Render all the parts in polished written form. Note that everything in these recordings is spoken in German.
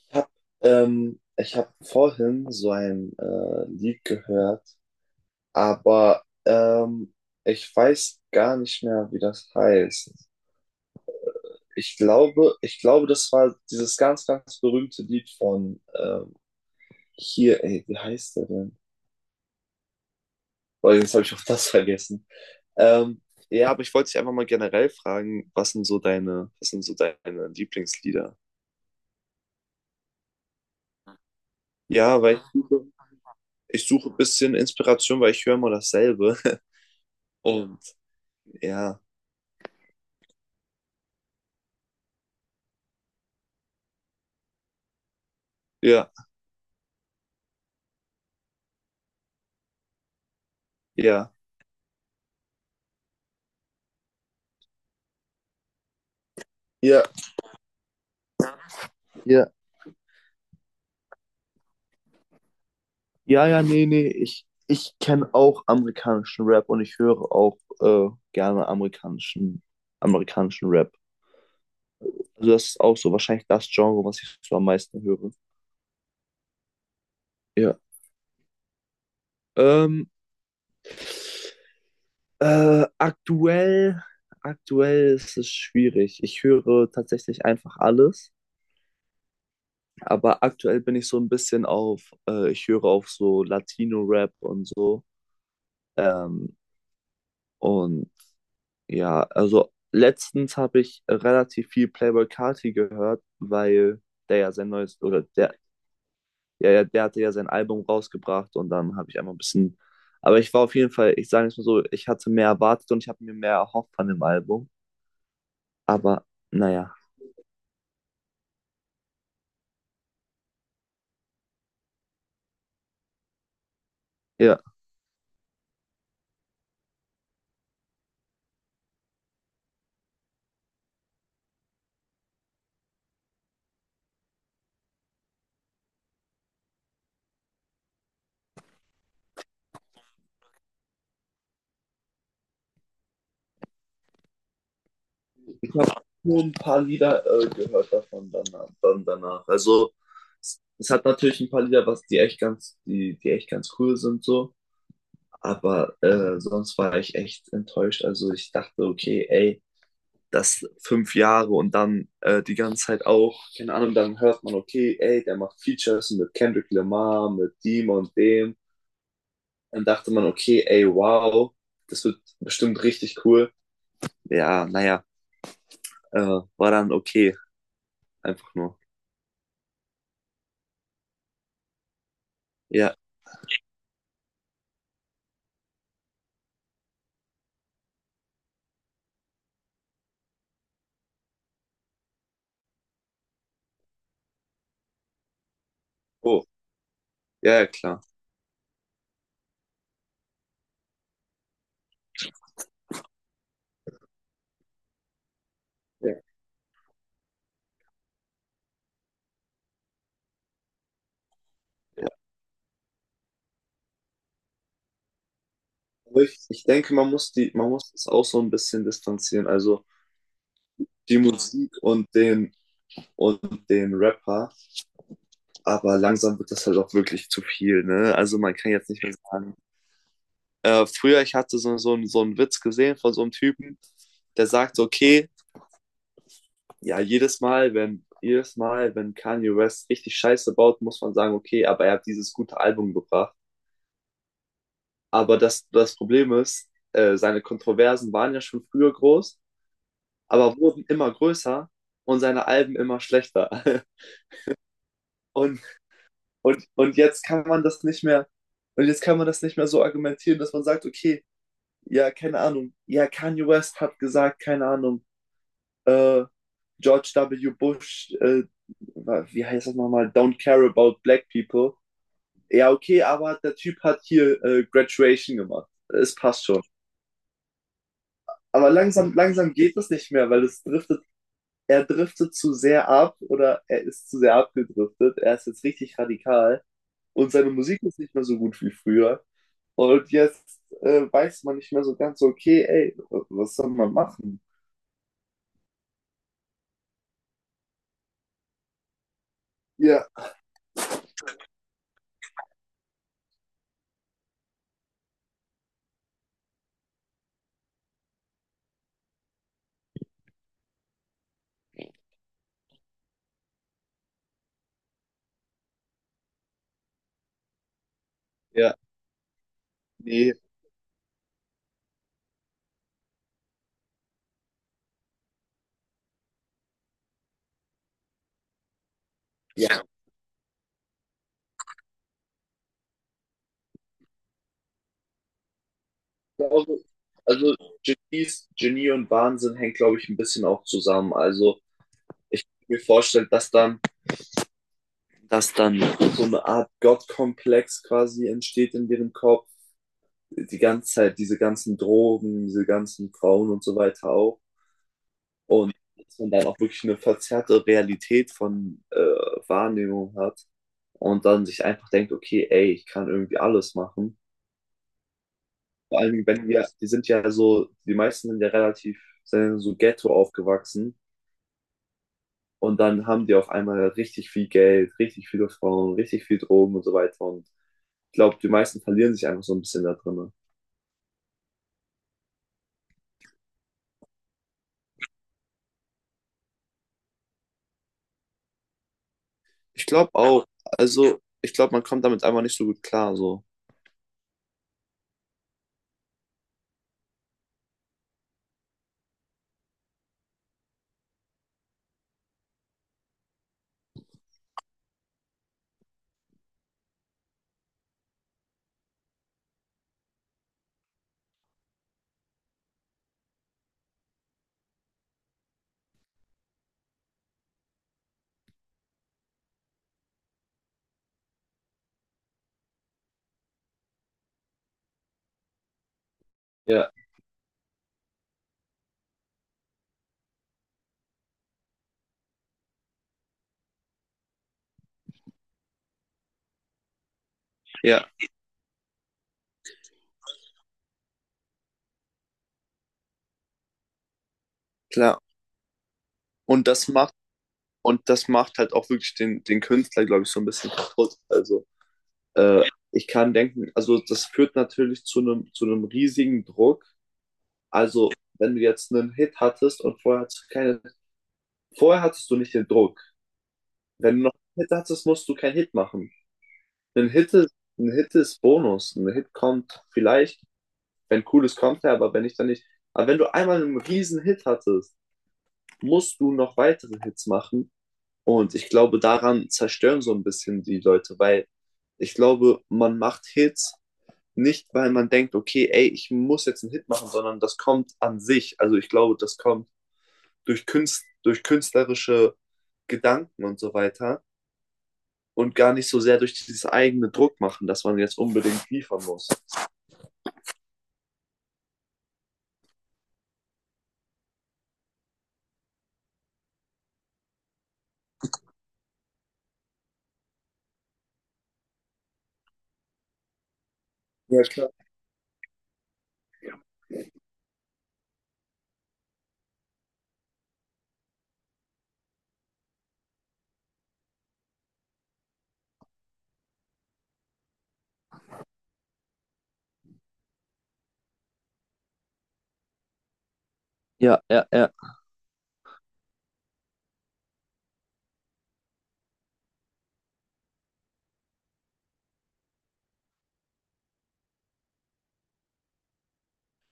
Ich habe Ich hab vorhin so ein Lied gehört, aber ich weiß gar nicht mehr, wie das heißt. Ich glaube, das war dieses ganz, ganz berühmte Lied von hier, ey, wie heißt der denn? Boah, jetzt habe ich auch das vergessen. Ähm, ja, aber ich wollte dich einfach mal generell fragen, was sind so deine Lieblingslieder? Ja, weil ich suche ein bisschen Inspiration, weil ich höre immer dasselbe. Und ja. Ja, ja. Ja, ja, ja, ja, nee, nee. Ich kenne auch amerikanischen Rap und ich höre auch gerne amerikanischen Rap. Also das ist auch so wahrscheinlich das Genre, was ich so am meisten höre. Ja. Ähm, äh, aktuell, aktuell ist es schwierig. Ich höre tatsächlich einfach alles. Aber aktuell bin ich so ein bisschen auf, ich höre auf so Latino-Rap und so. Ähm, und ja, also letztens habe ich relativ viel Playboi Carti gehört, weil der ja sein neues, oder der, ja, ja, der hatte ja sein Album rausgebracht und dann habe ich einfach ein bisschen, aber ich war auf jeden Fall, ich sage es mal so, ich hatte mehr erwartet und ich habe mir mehr erhofft von dem Album, aber naja. Ja. Ich habe nur ein paar Lieder gehört davon danach, dann danach. Also es hat natürlich ein paar Lieder, was die echt ganz, die, die echt ganz cool sind so. Aber sonst war ich echt enttäuscht. Also ich dachte, okay, ey, das 5 Jahre und dann die ganze Zeit auch, keine Ahnung, dann hört man, okay, ey, der macht Features mit Kendrick Lamar, mit dem und dem. Dann dachte man, okay, ey, wow, das wird bestimmt richtig cool. Ja, naja, äh, war dann okay, einfach nur. Ja, oh, ja, ja, klar. Ja, ja. Aber ich denke, man muss das auch so ein bisschen distanzieren. Also die Musik und den und dem Rapper. Aber langsam wird das halt auch wirklich zu viel, ne? Also man kann jetzt nicht mehr sagen. Früher, ich hatte so einen Witz gesehen von so einem Typen, der sagt, okay, ja, jedes Mal, wenn Kanye West richtig Scheiße baut, muss man sagen, okay, aber er hat dieses gute Album gebracht. Aber das, das Problem ist, seine Kontroversen waren ja schon früher groß, aber wurden immer größer und seine Alben immer schlechter. Und und jetzt kann man das nicht mehr, so argumentieren, dass man sagt, okay, ja, keine Ahnung, ja, Kanye West hat gesagt, keine Ahnung, äh, George W. Bush, wie heißt das nochmal, don't care about black people. Ja, okay, aber der Typ hat hier Graduation gemacht. Es passt schon. Aber langsam, langsam geht das nicht mehr, weil er driftet zu sehr ab oder er ist zu sehr abgedriftet. Er ist jetzt richtig radikal und seine Musik ist nicht mehr so gut wie früher. Und jetzt weiß man nicht mehr so ganz, okay, ey, was soll man machen? Ja, ja, nee. Ja. Also, also, Genie und Wahnsinn hängt, glaube ich, ein bisschen auch zusammen. Also ich kann mir vorstellen, dass dann so eine Art Gottkomplex quasi entsteht in deren Kopf. Die ganze Zeit, diese ganzen Drogen, diese ganzen Frauen und so weiter auch. Und dass man dann auch wirklich eine verzerrte Realität von Wahrnehmung hat und dann sich einfach denkt, okay, ey, ich kann irgendwie alles machen. Vor allem, wenn wir, die sind ja so, die meisten sind ja relativ, sind so Ghetto aufgewachsen und dann haben die auf einmal richtig viel Geld, richtig viele Frauen, richtig viel Drogen und so weiter. Und ich glaube, die meisten verlieren sich einfach so ein bisschen da drin. Ich glaube auch, also ich glaube, man kommt damit einfach nicht so gut klar, so. Ja. Ja, klar. Und das macht Und das macht halt auch wirklich den, den Künstler, glaube ich, so ein bisschen kaputt. Also äh, ich kann denken, also das führt natürlich zu einem riesigen Druck. Also wenn du jetzt einen Hit hattest und vorher hattest du nicht den Druck. Wenn du noch einen Hit hattest, musst du keinen Hit machen. Ein Hit ist, ein Hit ist Bonus. Ein Hit kommt vielleicht, wenn cooles kommt ja aber wenn nicht, dann nicht. Aber wenn du einmal einen riesen Hit hattest, musst du noch weitere Hits machen, und ich glaube, daran zerstören so ein bisschen die Leute, weil ich glaube, man macht Hits nicht, weil man denkt, okay, ey, ich muss jetzt einen Hit machen, sondern das kommt an sich. Also ich glaube, das kommt durch durch künstlerische Gedanken und so weiter und gar nicht so sehr durch dieses eigene Druck machen, dass man jetzt unbedingt liefern muss. Ja, klar.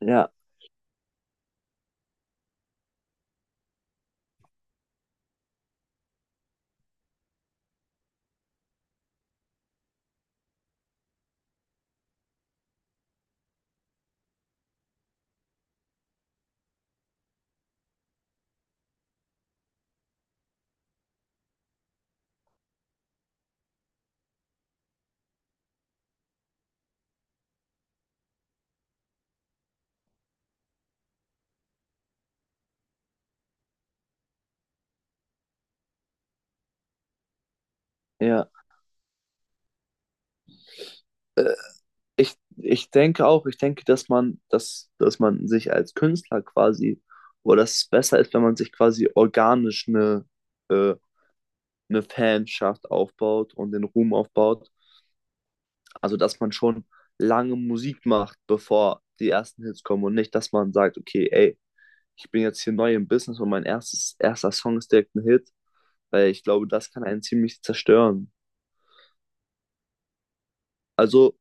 Ja, ja. Ich denke auch, ich denke, dass man sich als Künstler quasi, oder dass es besser ist, wenn man sich quasi organisch äh, eine Fanschaft aufbaut und den Ruhm aufbaut. Also, dass man schon lange Musik macht, bevor die ersten Hits kommen und nicht, dass man sagt, okay, ey, ich bin jetzt hier neu im Business und mein erster Song ist direkt ein Hit, weil ich glaube, das kann einen ziemlich zerstören. Also,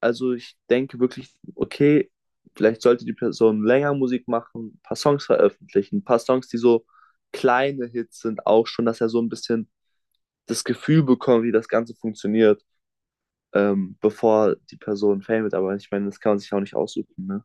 Also, ich denke wirklich, okay, vielleicht sollte die Person länger Musik machen, ein paar Songs veröffentlichen, ein paar Songs, die so kleine Hits sind, auch schon, dass er so ein bisschen das Gefühl bekommt, wie das Ganze funktioniert, bevor die Person Fame wird. Aber ich meine, das kann man sich auch nicht aussuchen, ne?